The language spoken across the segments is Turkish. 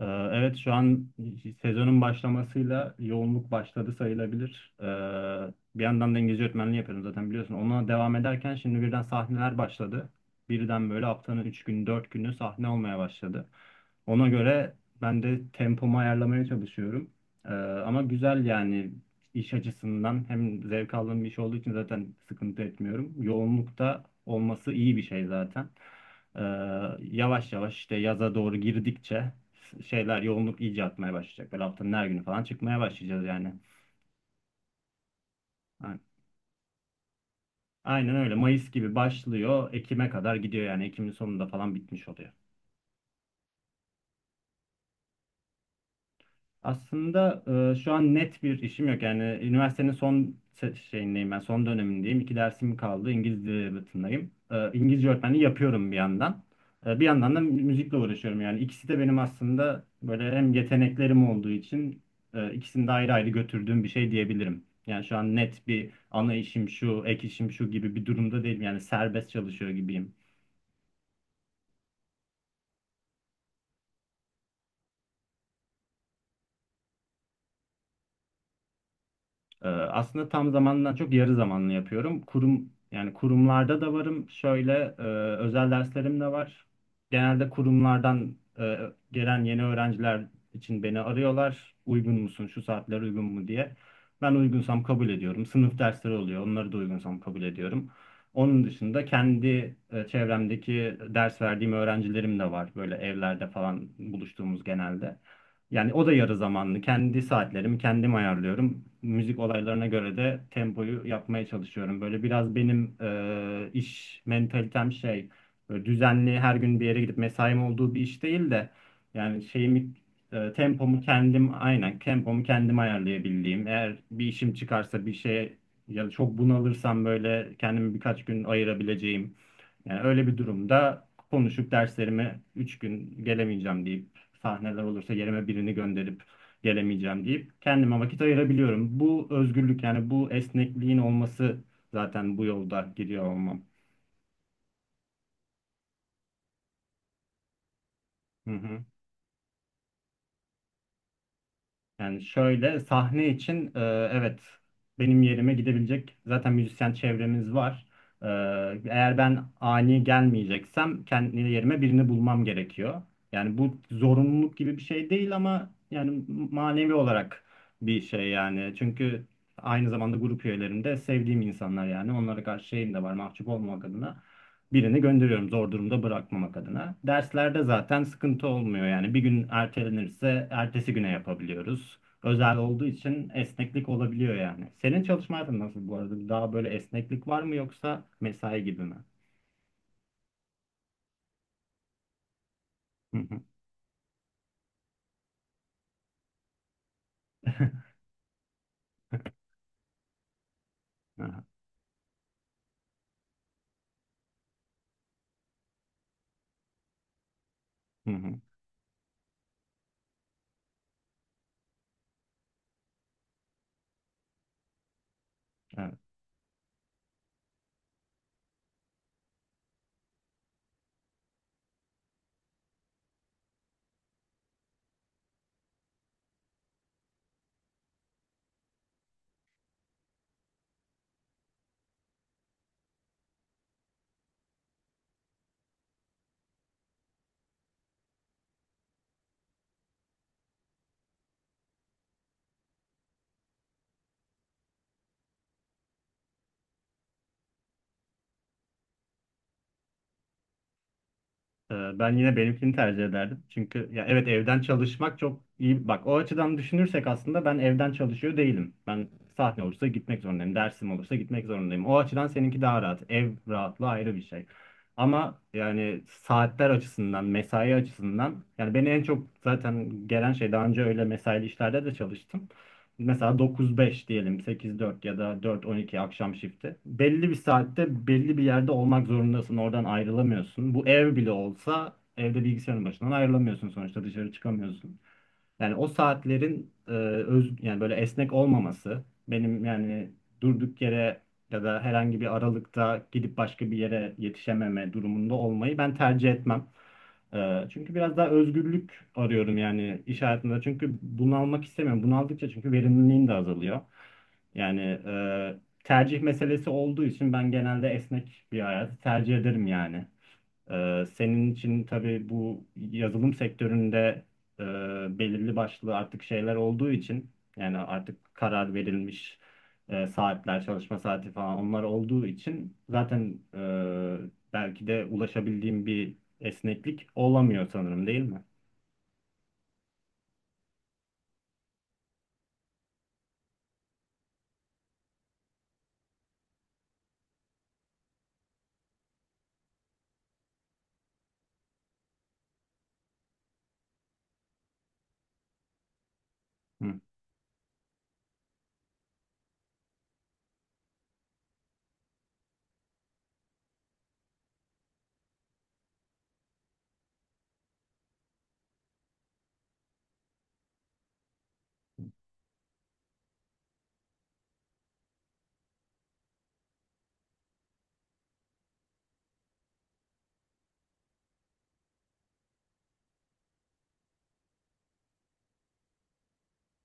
Ee, Evet, şu an sezonun başlamasıyla yoğunluk başladı sayılabilir. Bir yandan da İngilizce öğretmenliği yapıyorum, zaten biliyorsun. Ona devam ederken şimdi birden sahneler başladı. Birden böyle haftanın 3 günü 4 günü sahne olmaya başladı. Ona göre ben de tempomu ayarlamaya çalışıyorum. Ee, Ama güzel yani, iş açısından hem zevk aldığım bir iş olduğu için zaten sıkıntı etmiyorum. Yoğunlukta olması iyi bir şey zaten. Ee, Yavaş yavaş işte yaza doğru girdikçe şeyler, yoğunluk iyice artmaya başlayacak. Böyle haftanın her günü falan çıkmaya başlayacağız yani. Aynen. Aynen öyle. Mayıs gibi başlıyor. Ekim'e kadar gidiyor yani. Ekim'in sonunda falan bitmiş oluyor. Aslında şu an net bir işim yok. Yani üniversitenin şeyindeyim ben, son dönemindeyim. İki dersim kaldı. İngiliz Edebiyatı'ndayım. İngilizce öğretmenliği yapıyorum bir yandan. Bir yandan da müzikle uğraşıyorum. Yani ikisi de benim aslında böyle hem yeteneklerim olduğu için ikisini de ayrı ayrı götürdüğüm bir şey diyebilirim. Yani şu an net bir ana işim şu, ek işim şu gibi bir durumda değilim. Yani serbest çalışıyor gibiyim. Aslında tam zamandan çok yarı zamanlı yapıyorum. Kurum, yani kurumlarda da varım. Şöyle e, özel derslerim de var. Genelde kurumlardan gelen yeni öğrenciler için beni arıyorlar. Uygun musun? Şu saatler uygun mu diye. Ben uygunsam kabul ediyorum. Sınıf dersleri oluyor. Onları da uygunsam kabul ediyorum. Onun dışında kendi çevremdeki ders verdiğim öğrencilerim de var. Böyle evlerde falan buluştuğumuz genelde. Yani o da yarı zamanlı. Kendi saatlerimi kendim ayarlıyorum. Müzik olaylarına göre de tempoyu yapmaya çalışıyorum. Böyle biraz benim iş mentalitem şey, böyle düzenli her gün bir yere gidip mesaim olduğu bir iş değil de yani tempomu kendim, aynen, tempomu kendim ayarlayabildiğim. Eğer bir işim çıkarsa bir şeye ya da çok bunalırsam böyle kendimi birkaç gün ayırabileceğim. Yani öyle bir durumda konuşup derslerime 3 gün gelemeyeceğim deyip, sahneler olursa yerime birini gönderip gelemeyeceğim deyip kendime vakit ayırabiliyorum. Bu özgürlük, yani bu esnekliğin olması zaten bu yolda giriyor olmam. Hı hı. Yani şöyle, sahne için evet, benim yerime gidebilecek zaten müzisyen çevremiz var. E, Eğer ben ani gelmeyeceksem kendi yerime birini bulmam gerekiyor. Yani bu zorunluluk gibi bir şey değil ama yani manevi olarak bir şey yani. Çünkü aynı zamanda grup üyelerim de sevdiğim insanlar yani. Onlara karşı şeyim de var, mahcup olmamak adına birini gönderiyorum, zor durumda bırakmamak adına. Derslerde zaten sıkıntı olmuyor yani, bir gün ertelenirse ertesi güne yapabiliyoruz. Özel olduğu için esneklik olabiliyor yani. Senin çalışma hayatın nasıl bu arada? Daha böyle esneklik var mı yoksa mesai gibi mi? Hı hı. Aha. Hı hı. Evet. Ben yine benimkini tercih ederdim. Çünkü ya evet, evden çalışmak çok iyi. Bak o açıdan düşünürsek aslında ben evden çalışıyor değilim. Ben sahne olursa gitmek zorundayım. Dersim olursa gitmek zorundayım. O açıdan seninki daha rahat. Ev rahatlığı ayrı bir şey. Ama yani saatler açısından, mesai açısından, yani beni en çok zaten gelen şey, daha önce öyle mesaili işlerde de çalıştım mesela, 9-5 diyelim, 8-4 ya da 4-12 akşam shifti. Belli bir saatte belli bir yerde olmak zorundasın. Oradan ayrılamıyorsun. Bu ev bile olsa evde bilgisayarın başından ayrılamıyorsun sonuçta, dışarı çıkamıyorsun. Yani o saatlerin e, öz yani böyle esnek olmaması, benim yani durduk yere ya da herhangi bir aralıkta gidip başka bir yere yetişememe durumunda olmayı ben tercih etmem. Çünkü biraz daha özgürlük arıyorum yani iş hayatında. Çünkü bunalmak istemiyorum. Bunaldıkça çünkü verimliliğin de azalıyor. Yani tercih meselesi olduğu için ben genelde esnek bir hayatı tercih ederim yani. Senin için tabii bu yazılım sektöründe e, belirli başlı artık şeyler olduğu için, yani artık karar verilmiş saatler, çalışma saati falan onlar olduğu için, zaten belki de ulaşabildiğim bir esneklik olamıyor sanırım, değil mi? Hı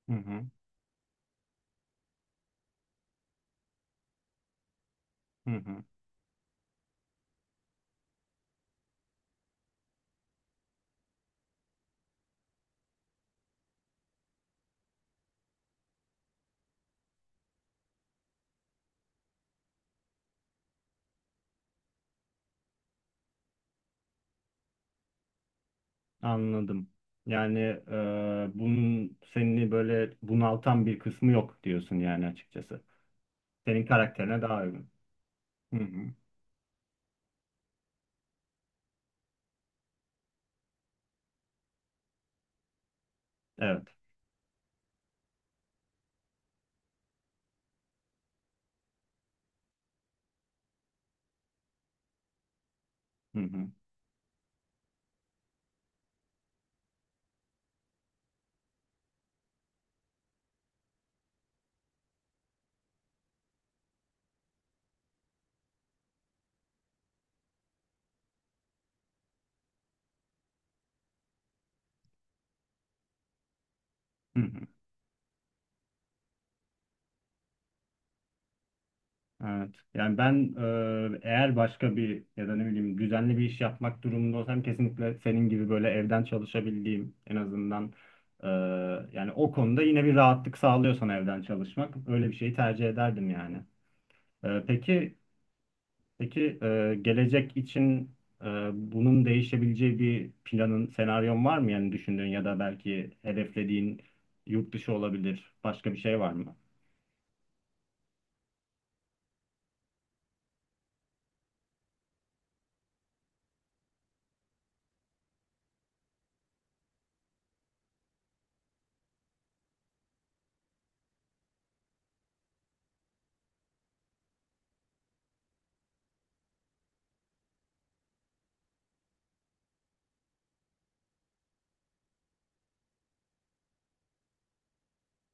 hı hı. hı hı. Anladım. Yani bunun seni böyle bunaltan bir kısmı yok diyorsun yani, açıkçası. Senin karakterine daha uygun. Hı hı. Evet. Hı hı. Hı hı. Evet. Yani ben, eğer başka bir ya da ne bileyim düzenli bir iş yapmak durumunda olsam, kesinlikle senin gibi böyle evden çalışabildiğim en azından, e, yani o konuda yine bir rahatlık sağlıyorsan evden çalışmak, öyle bir şeyi tercih ederdim yani. E, peki peki gelecek için e, bunun değişebileceği bir planın, senaryon var mı, yani düşündüğün ya da belki hedeflediğin, yurt dışı olabilir, başka bir şey var mı?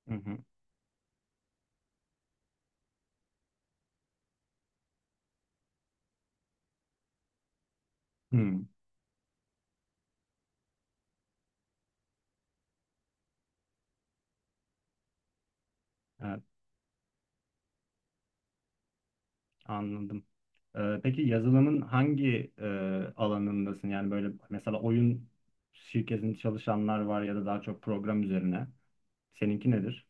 Hı hı. Hı, evet. Anladım. Peki yazılımın hangi alanındasın? Yani böyle mesela oyun şirketinde çalışanlar var ya da daha çok program üzerine. Seninki nedir?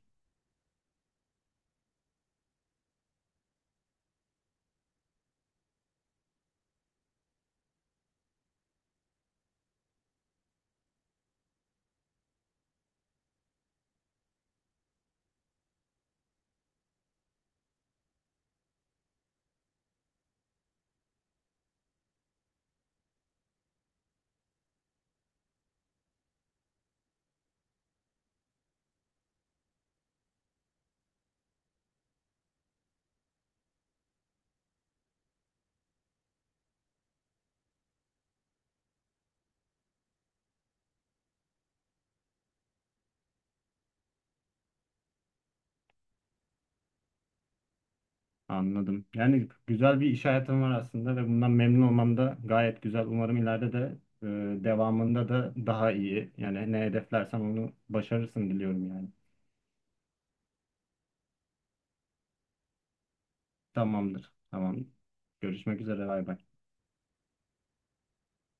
Anladım. Yani güzel bir iş hayatım var aslında ve bundan memnun olmam da gayet güzel. Umarım ileride de devamında da daha iyi. Yani ne hedeflersen onu başarırsın diliyorum yani. Tamamdır. Tamam. Görüşmek üzere. Bay bay.